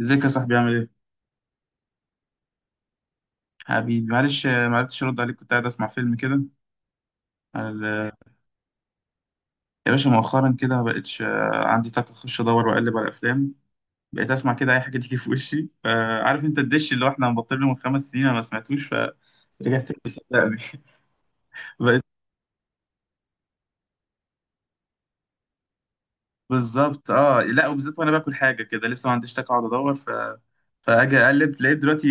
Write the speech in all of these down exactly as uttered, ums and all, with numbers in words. ازيك يا صاحبي عامل ايه؟ حبيبي معلش، آه، ما عرفتش ارد عليك. كنت قاعد اسمع فيلم كده على ال- يا باشا. مؤخرا كده ما بقتش آه، عندي طاقة اخش ادور واقلب على الافلام. بقيت اسمع كده اي حاجة تيجي في وشي. فعارف انت الدش اللي هو احنا مبطلينه من خمس سنين؟ انا ما سمعتوش، فرجعت له صدقني. بقيت بالظبط. اه، لا وبالذات وانا باكل حاجة كده لسه ما عنديش طاقة اقعد ادور ف... فاجي اقلب لقيت دلوقتي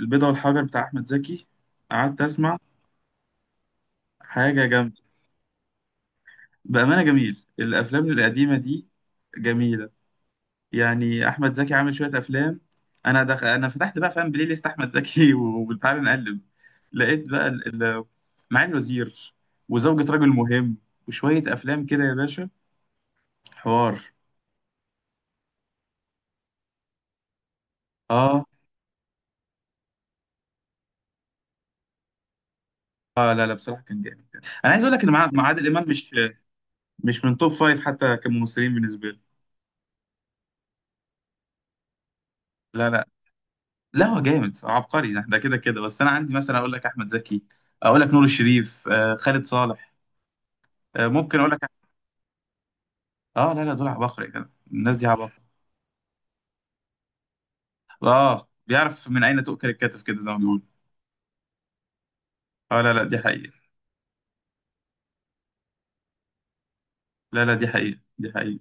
البيضة والحجر بتاع احمد زكي. قعدت اسمع حاجة جامدة. بأمانة جميل الافلام القديمة دي، جميلة. يعني احمد زكي عامل شويه افلام. انا دخ... انا فتحت بقى، فاهم، بلاي ليست احمد زكي وتعالى نقلب. لقيت بقى ال... ال... معالي الوزير، وزوجة رجل مهم، وشويه افلام كده يا باشا، حوار. اه، اه لا لا، بصراحه كان جامد. انا عايز اقول لك ان مع مع عادل امام مش، مش من توب فايف حتى كممثلين بالنسبه لي. لا، لا. لا هو جامد عبقري ده كده كده، بس انا عندي مثلا اقول لك احمد زكي، اقول لك نور الشريف، آه خالد صالح. آه ممكن اقول لك. اه لا لا، دول عباقرة كده، الناس دي عباقرة. اه، بيعرف من اين تؤكل الكتف كده زي ما بيقولوا. اه لا لا، دي حقيقة. لا لا، دي حقيقة دي حقيقة.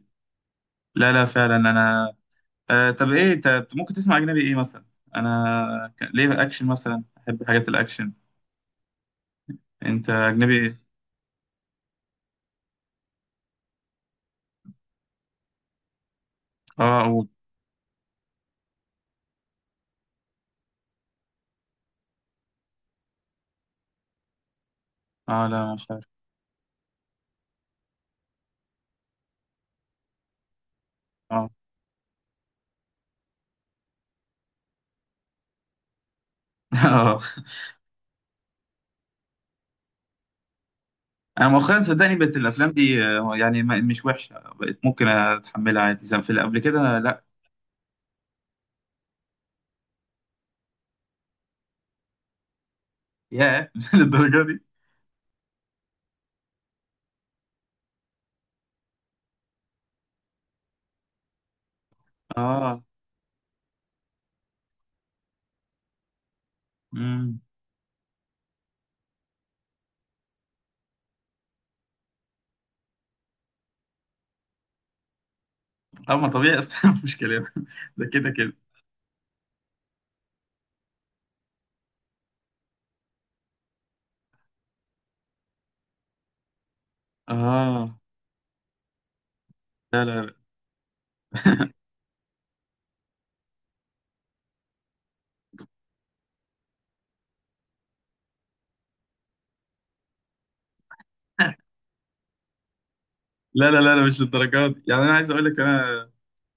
لا لا، فعلا انا. آه طب ايه انت ممكن تسمع اجنبي ايه مثلا؟ انا ك... ليه بقى اكشن مثلا، احب حاجات الاكشن. انت اجنبي إيه؟ اه اقول. اه لا مش عارف. اه اه. انا مؤخرا صدقني بقت الافلام دي، آه، يعني ما- مش وحشة. بقت ممكن اتحملها عادي، زي في اللي قبل كده، لا. ياه للدرجة دي. اه. امم. اه، ما طبيعي اصلا مش كلام ده، كده كده. اه. لا لا لا لا لا لا، مش للدرجات دي. يعني انا عايز اقول لك انا،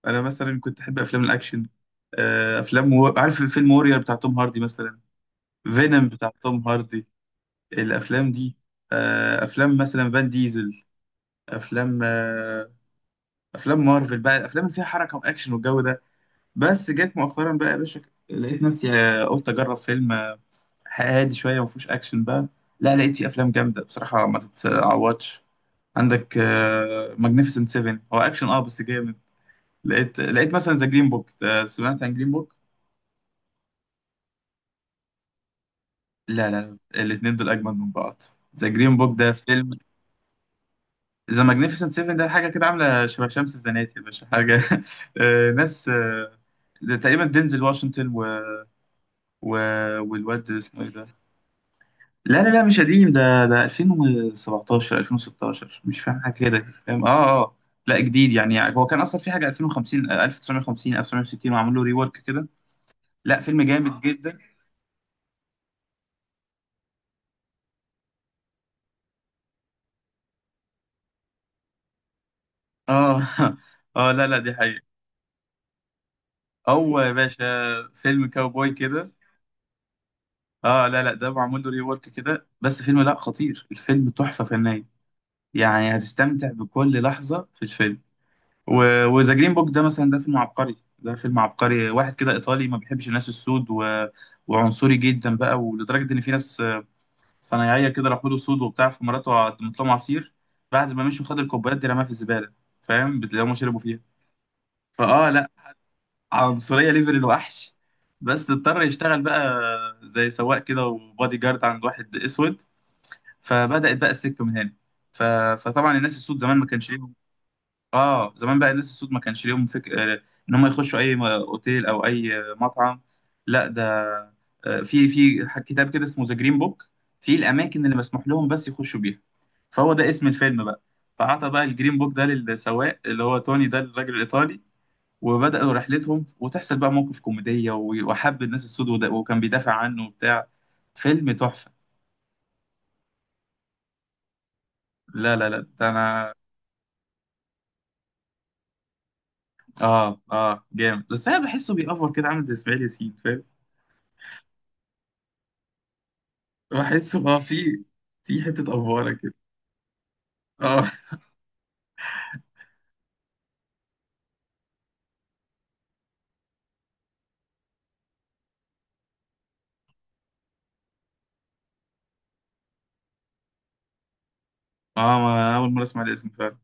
انا مثلا كنت احب افلام الاكشن. آه، افلام و... عارف فيلم وورير بتاع توم هاردي مثلا، فينوم بتاع توم هاردي، الافلام دي. آه، افلام مثلا فان ديزل، افلام، آه، افلام مارفل بقى، الافلام اللي فيها حركه واكشن والجو ده. بس جت مؤخرا بقى يا باشا، لقيت نفسي آه، قلت اجرب فيلم آه، هادي شويه ما فيهوش اكشن بقى. لا، لقيت فيه افلام جامده بصراحه ما تتعوضش. عندك ماجنيفيسنت سبعة، هو اكشن اه بس جامد. لقيت لقيت مثلا ذا جرين بوك. سمعت عن جرين بوك؟ لا لا لا، الاثنين دول اجمد من بعض. ذا جرين بوك ده فيلم. ذا ماجنيفيسنت سبعة ده حاجه كده عامله شبه شمس الزناتي يا باشا. حاجه آه، ناس، آه، ده تقريبا دينزل واشنطن و... و... والواد اسمه ايه ده. لا لا لا، مش قديم ده ده ألفين وسبعتاشر ألفين وستاشر، مش فاهم حاجه كده. فاهم، اه اه. لا جديد، يعني هو كان اصلا في حاجه ألفين وخمسين آه، ألف وتسعمية وخمسين ألف وتسعمية وستين وعملوا له ريورك كده. لا فيلم جامد جدا. اه اه لا لا، دي حقيقة. او يا باشا، فيلم كاوبوي كده. اه لا لا، ده معمول له ريورك كده، بس فيلم لا، خطير. الفيلم تحفه فنيه، يعني هتستمتع بكل لحظه في الفيلم. و... وذا جرين بوك ده مثلا، ده فيلم عبقري، ده فيلم عبقري. واحد كده ايطالي ما بيحبش الناس السود، و... وعنصري جدا بقى. ولدرجه ان في ناس صنايعيه كده راحوا له، سود وبتاع، في مراته قدمت لهم عصير. بعد ما مشوا خد الكوبايات دي رماها في الزباله. فاهم؟ اللي هم شربوا فيها. فاه لا، عنصرية ليفل الوحش. بس اضطر يشتغل بقى زي سواق كده وبادي جارد عند واحد اسود. فبدأت بقى السكة من هنا. ف... فطبعا الناس السود زمان ما كانش ليهم، اه، زمان بقى الناس السود ما كانش ليهم فك... آه، ان هم يخشوا اي م- اوتيل او اي مطعم. لا ده، آه، في في ح- كتاب كده اسمه ذا جرين بوك، في الاماكن اللي مسموح لهم بس يخشوا بيها. فهو ده اسم الفيلم بقى. فأعطى بقى الجرين بوك ده للسواق، اللي هو توني ده الراجل الإيطالي. وبدأوا رحلتهم، وتحصل بقى موقف كوميدية، و- وحب الناس السود وده- وكان بيدافع عنه وبتاع. فيلم تحفة. لا لا لا ده انا. اه اه جامد، بس انا بحسه بيأفور كده، عامل زي اسماعيل ياسين فاهم. بحسه اه، في في حتة أفورة كده. اه اه، ما أول مرة أسمع الاسم فعلا.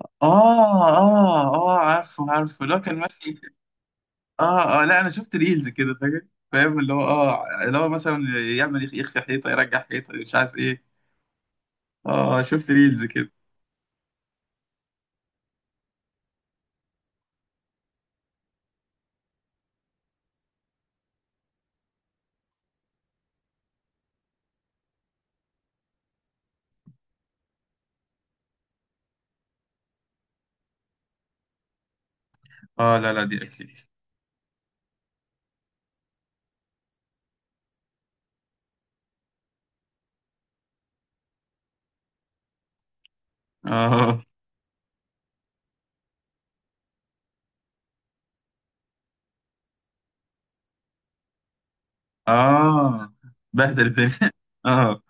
اه اه اه عارفه عارفه، لو كان ماشي. اه اه لا، انا شفت ريلز كده فاهم. فاهم اللي هو اه، اللي هو مثلا يعمل يخ- يخفي حيطة يرجع حيطة، مش عارف ايه. اه شفت ريلز كده. اه لا لا، دي اكيد. اه اه، بهدل الدنيا اه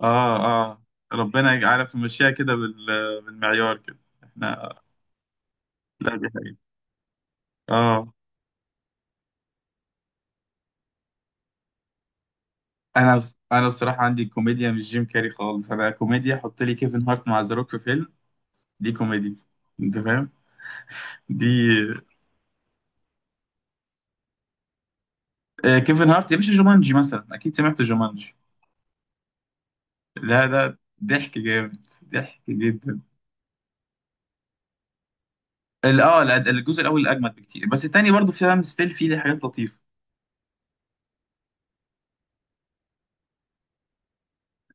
اه اه، ربنا يعرف يمشيها كده بال- بالمعيار كده احنا. لا دي حقيقة. اه. انا بس انا بصراحة عندي كوميديا مش جيم كاري خالص. انا كوميديا حط لي كيفن هارت مع ذا روك في فيلم، دي كوميديا. انت فاهم؟ دي آه كيفن هارت يا باشا، جومانجي مثلا اكيد سمعت جومانجي. لا ده ضحك جامد، ضحك جدا. ال- اه الأد- الجزء الاول اجمد بكتير، بس التاني برضه فيها ستيل، فيه حاجات لطيفة.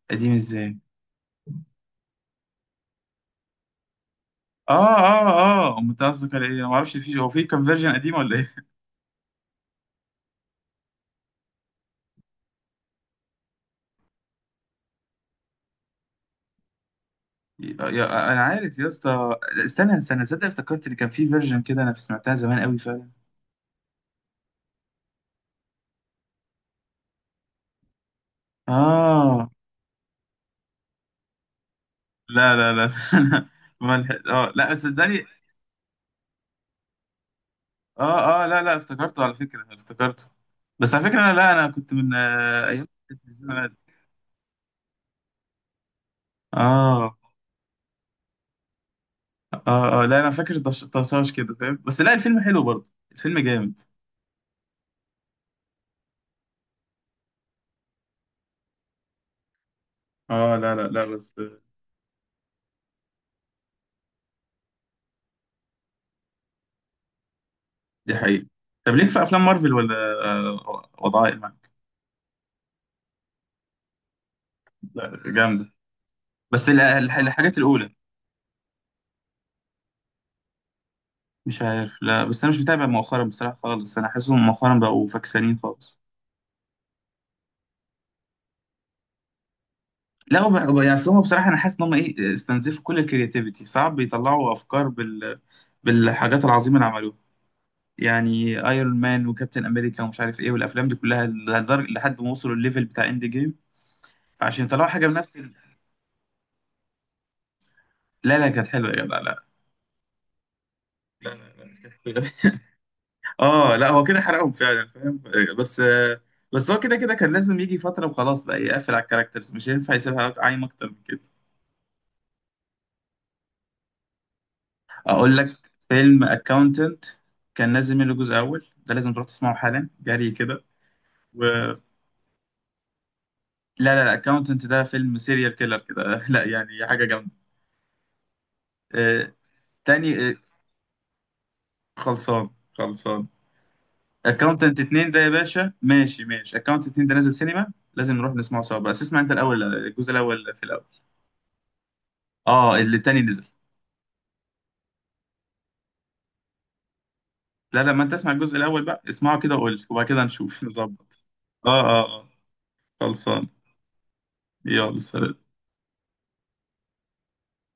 قديم ازاي؟ اه اه اه، امال انت قصدك على ايه؟ انا ما اعرفش. في هو في كان فيرجن قديم ولا ايه؟ يا يا- انا عارف يا اسطى. لا، استنى استنى، صدق افتكرت اللي كان في فيرجن كده، انا سمعتها زمان قوي فعلا. اه لا لا لا أنا ما لحق- اه لا بس صدقني. اه اه، لا لا، افتكرته على فكره، افتكرته. بس على فكره انا، لا انا كنت من آه، ايام التلفزيون عادي. اه اه اه لا، انا فاكر طش- طشاش كده فاهم، بس لا الفيلم حلو برضه، الفيلم جامد. اه لا لا لا بس، دي حقيقة. طب ليك في افلام مارفل؟ ولا آه، وضعها ايه معاك؟ لا جامدة. بس ال- الح- الحاجات الاولى، مش عارف، لا بس انا مش متابع مؤخرا بصراحة خالص. انا حاسسهم مؤخرا بقوا فكسانين خالص. لا وب- وب- يعني أصل هم بصراحة انا حاسس ان هم ايه، استنزفوا كل الكرياتيفيتي. صعب يطلعوا افكار بال... بالحاجات العظيمة اللي عملوها. يعني ايرون مان وكابتن امريكا ومش عارف ايه، والافلام دي كلها لدر- لحد ما وصلوا الليفل بتاع اند جيم. فعشان يطلعوا حاجة بنفس ال- لا لا كانت حلوة يا جدع، لا. لا لا لا لا. اه لا، هو كده حرقهم فعلا فاهم، آه، بس آه، بس هو كده كده كان لازم يجي فترة وخلاص بقى، يقفل على الكاركترز، مش هينفع يسيبها عايم اكتر من كده. اقول لك، فيلم اكاونتنت. كان نازل منه جزء اول، ده لازم تروح تسمعه حالا، جري كده. و، لا لا لا، اكاونتنت ده فيلم سيريال كيلر كده لا يعني حاجة جامدة. آه، تاني آه، خلصان، خلصان. اكاونتنت اتنين ده يا باشا، ماشي ماشي. اكاونتنت اتنين ده نازل سينما، لازم نروح نسمعه سوا، بس اسمع انت الاول الجزء الاول في الاول. اه اللي التاني نزل. لا، لما انت تسمع الجزء الاول بقى اسمعه كده وقول لي، وبعد كده نشوف نظبط. اه اه اه، خلصان. يلا سلام.